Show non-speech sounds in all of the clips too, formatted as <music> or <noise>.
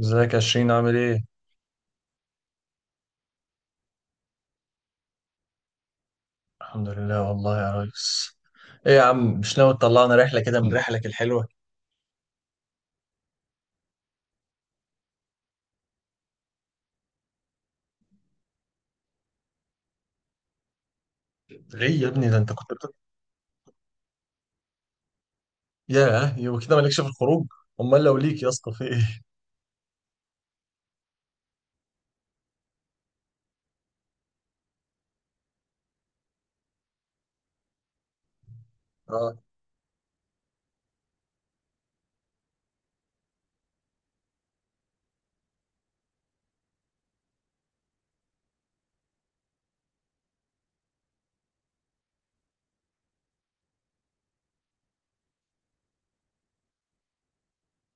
ازيك يا شيرين، عامل ايه؟ الحمد لله والله يا ريس. ايه يا عم، مش ناوي تطلعنا رحلة كده من رحلك الحلوة؟ ليه يا ابني؟ ده انت كنت بتقول. ياه، يبقى كده مالكش في الخروج؟ امال لو ليك يا اسطى في ايه؟ اه.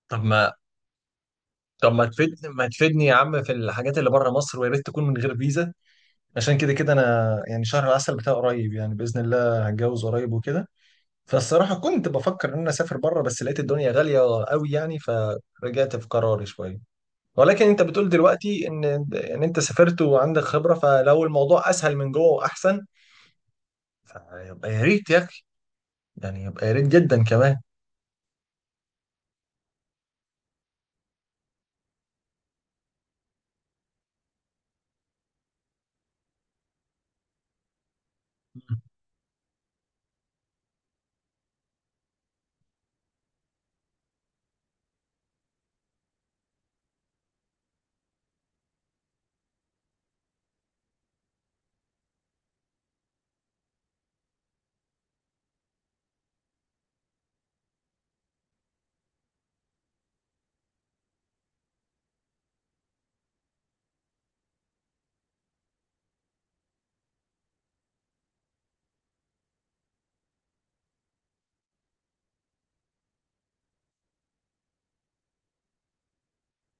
طب ما طب ما تفيدني يا عم في الحاجات اللي بره مصر، ويا ريت تكون من غير فيزا، عشان كده كده انا، يعني شهر العسل بتاعي قريب، يعني باذن الله هتجوز قريب وكده. فالصراحة كنت بفكر ان انا اسافر بره، بس لقيت الدنيا غالية قوي يعني، فرجعت في قراري شوية. ولكن انت بتقول دلوقتي ان انت سافرت وعندك خبرة، فلو الموضوع اسهل من جوه واحسن، فيبقى يا ريت يا اخي، يعني يبقى يا ريت جدا كمان.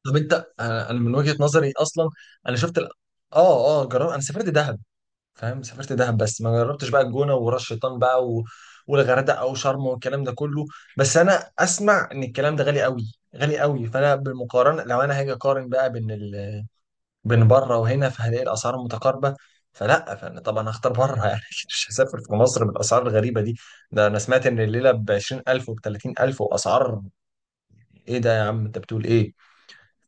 طب انت، انا من وجهة نظري اصلا. انا شفت ال... اه اه، جرب. انا سافرت دهب، فاهم؟ سافرت دهب، بس ما جربتش بقى الجونة وراس شيطان بقى والغردقة او شرم والكلام ده كله. بس انا اسمع ان الكلام ده غالي قوي غالي قوي، فانا بالمقارنة لو انا هاجي اقارن بقى بين بره وهنا، فهلاقي الاسعار متقاربه. فانا طبعا هختار بره <laughs> يعني أكيد. مش هسافر في مصر بالاسعار الغريبه دي. ده انا سمعت ان الليله ب 20000 وب 30000 واسعار. ايه ده يا عم، انت بتقول ايه؟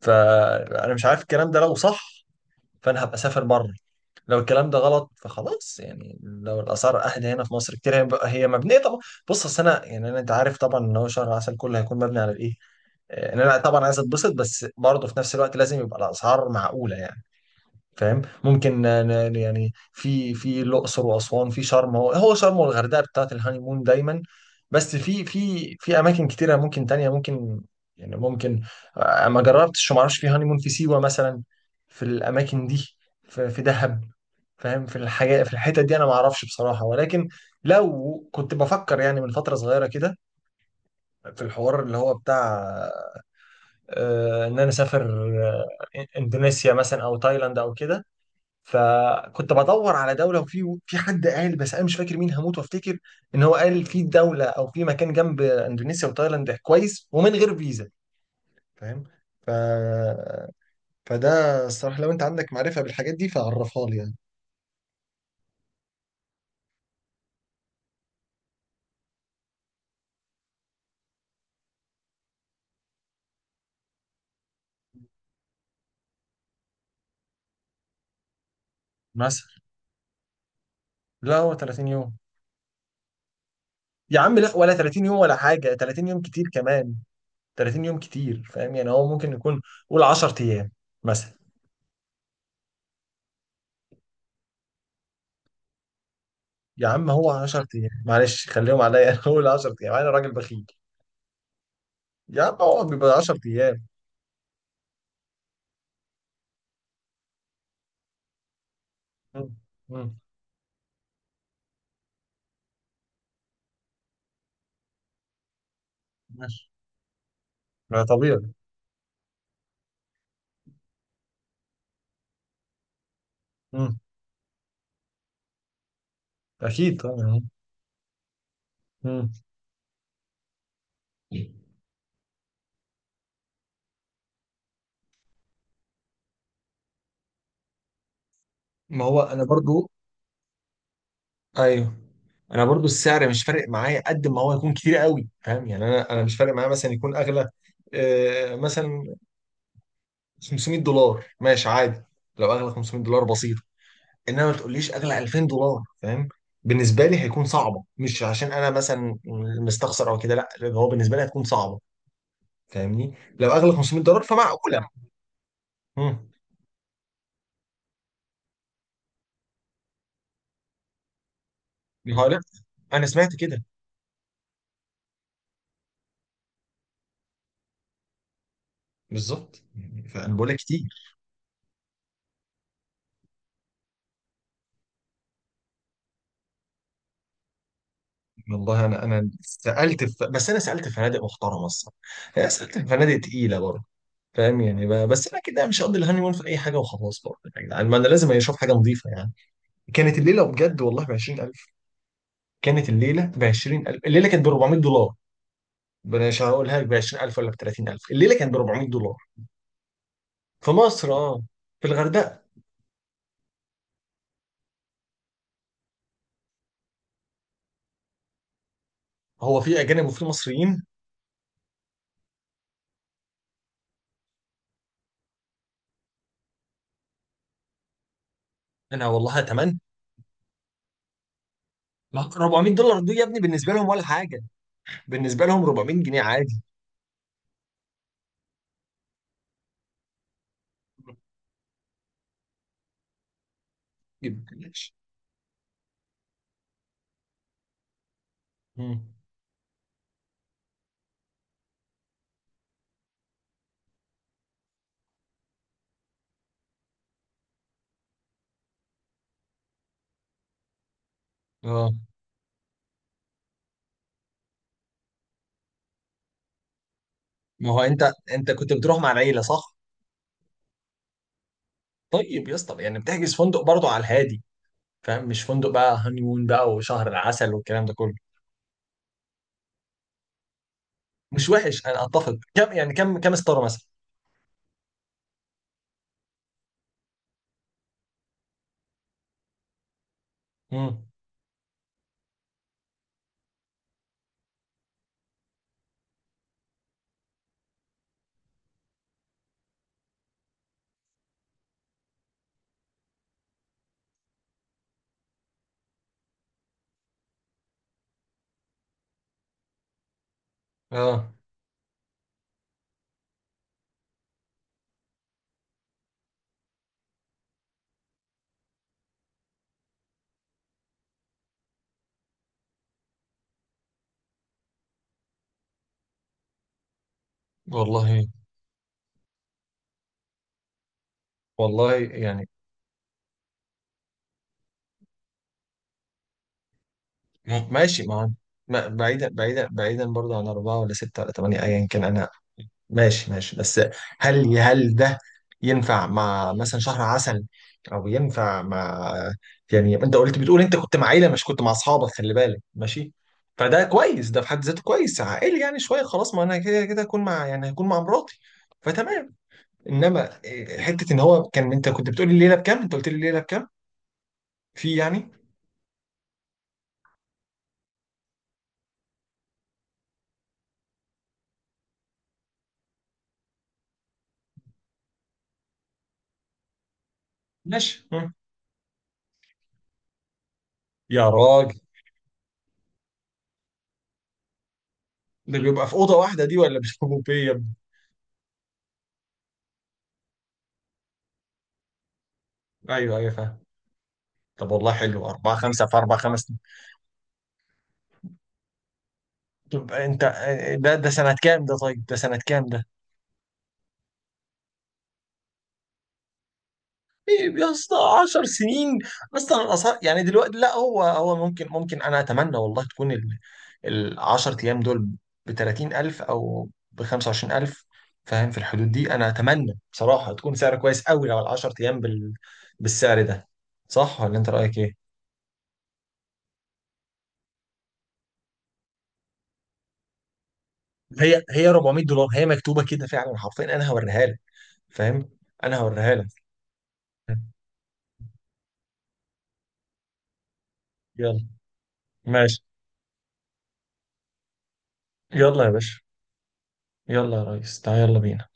فانا مش عارف الكلام ده لو صح، فانا هبقى اسافر بره. لو الكلام ده غلط فخلاص، يعني لو الاسعار اهدى هنا في مصر كتير، هيبقى هي مبنيه طبعا. بص، اصل انا يعني انت عارف طبعا ان هو شهر عسل كله هيكون مبني على الايه. ان انا طبعا عايز اتبسط، بس برضه في نفس الوقت لازم يبقى الاسعار معقوله يعني، فاهم؟ ممكن يعني في الاقصر واسوان، في شرم هو شرم والغردقه بتاعت الهانيمون دايما. بس في اماكن كتيره ممكن تانية، ممكن، يعني ممكن. ما جربتش وما اعرفش في هانيمون في سيوه مثلا، في الاماكن دي، في دهب، فاهم؟ في الحاجات في الحتت دي انا ما اعرفش بصراحه، ولكن لو كنت بفكر يعني من فتره صغيره كده في الحوار اللي هو بتاع، ان انا اسافر، آه، اندونيسيا مثلا او تايلاند او كده. فكنت بدور على دوله، وفي حد قال، بس انا مش فاكر مين، هموت وافتكر ان هو قال في دوله او في مكان جنب اندونيسيا وتايلاند كويس ومن غير فيزا، فاهم؟ ف... فده الصراحه لو انت عندك معرفه بالحاجات دي فعرفها لي يعني. مثلا، لا، هو 30 يوم. يا عم لا، ولا 30 يوم ولا حاجه، 30 يوم كتير كمان. 30 يوم كتير، فاهم؟ يعني هو ممكن يكون، قول 10 ايام مثلا. يا عم هو 10 ايام، معلش خليهم عليا <laughs> انا قول 10 ايام، انا راجل بخيل. يا عم هو بيبقى 10 ايام. مم. مم. ماشي، ما طبيعي. مم. اكيد طبعا. مم. ما هو انا برضو، ايوه، انا برضو السعر مش فارق معايا قد ما هو يكون كتير قوي، فاهم يعني؟ انا مش فارق معايا مثلا يكون اغلى، مثلا 500 دولار، ماشي عادي. لو اغلى 500 دولار، بسيط. انما ما تقوليش اغلى 2000 دولار، فاهم؟ بالنسبه لي هيكون صعبه، مش عشان انا مثلا مستخسر او كده، لا، لأن هو بالنسبه لي هتكون صعبه، فاهمني؟ لو اغلى 500 دولار فمعقوله. امم هقول لك، انا سمعت كده. بالظبط يعني، انا بقول لك كتير. والله انا سالت في، بس انا سالت في فنادق محترمه الصراحه، يعني سالت في فنادق تقيله برضه، فاهم يعني؟ بس انا كده مش هقضي الهاني مون في اي حاجه وخلاص. برضه يا جدعان، ما انا لازم اشوف حاجه نظيفه يعني. كانت الليله بجد والله ب 20000. كانت الليله ب 20000، الليله كانت ب 400 دولار. مش هقولها لك ب 20000 ولا ب 30000، الليله كانت ب 400 دولار. في مصر، اه، في الغردقه. هو في اجانب وفي مصريين. انا والله اتمنى، ما 400 دولار دي يا ابني بالنسبه لهم ولا حاجه. بالنسبه لهم 400 جنيه عادي. كلاش. مم. اه. ما هو انت كنت بتروح مع العيله صح؟ طيب يا اسطى، يعني بتحجز فندق برضه على الهادي، فاهم؟ مش فندق بقى هانيمون بقى وشهر العسل والكلام ده كله. مش وحش، انا اتفق. كم يعني؟ كم ستاره مثلا؟ امم اه. والله، والله يعني ماشي، بعيدا بعيدا بعيدا برضه عن اربعه ولا سته ولا ثمانيه ايا كان. انا ماشي ماشي، بس هل ده ينفع مع مثلا شهر عسل، او ينفع مع؟ يعني انت قلت، بتقول انت كنت مع عيله مش كنت مع اصحابك، خلي بالك ماشي. فده كويس، ده في حد ذاته كويس عائلي يعني شويه خلاص. ما انا كده كده هكون مع، يعني هكون مع مراتي، فتمام. انما إيه، حته ان هو كان، انت كنت بتقول لي الليله بكام، انت قلت لي الليله بكام، في يعني. ماشي. مم. يا راجل، ده بيبقى في اوضه واحده دي، ولا بيبقوا بيه يا ابني؟ <laughs> ايوه ايوه، فاهم. طب والله حلو، أربعة خمسة في أربعة خمس. طب انت، ده سنة كام ده؟ ايه يا اسطى، 10 سنين. اصلا الاسعار يعني دلوقتي، لا، هو ممكن انا اتمنى والله تكون ال، 10 ايام دول ب 30000 او ب 25000، فاهم؟ في الحدود دي انا اتمنى بصراحة تكون سعر كويس قوي لو ال 10 ايام بالسعر ده. صح ولا انت رأيك ايه؟ هي 400 دولار. هي مكتوبة كده فعلا حرفيا، انا هوريها لك، فاهم؟ انا هوريها لك. يلا ماشي. يلا يا باشا، يلا يا ريس تعال يلا بينا.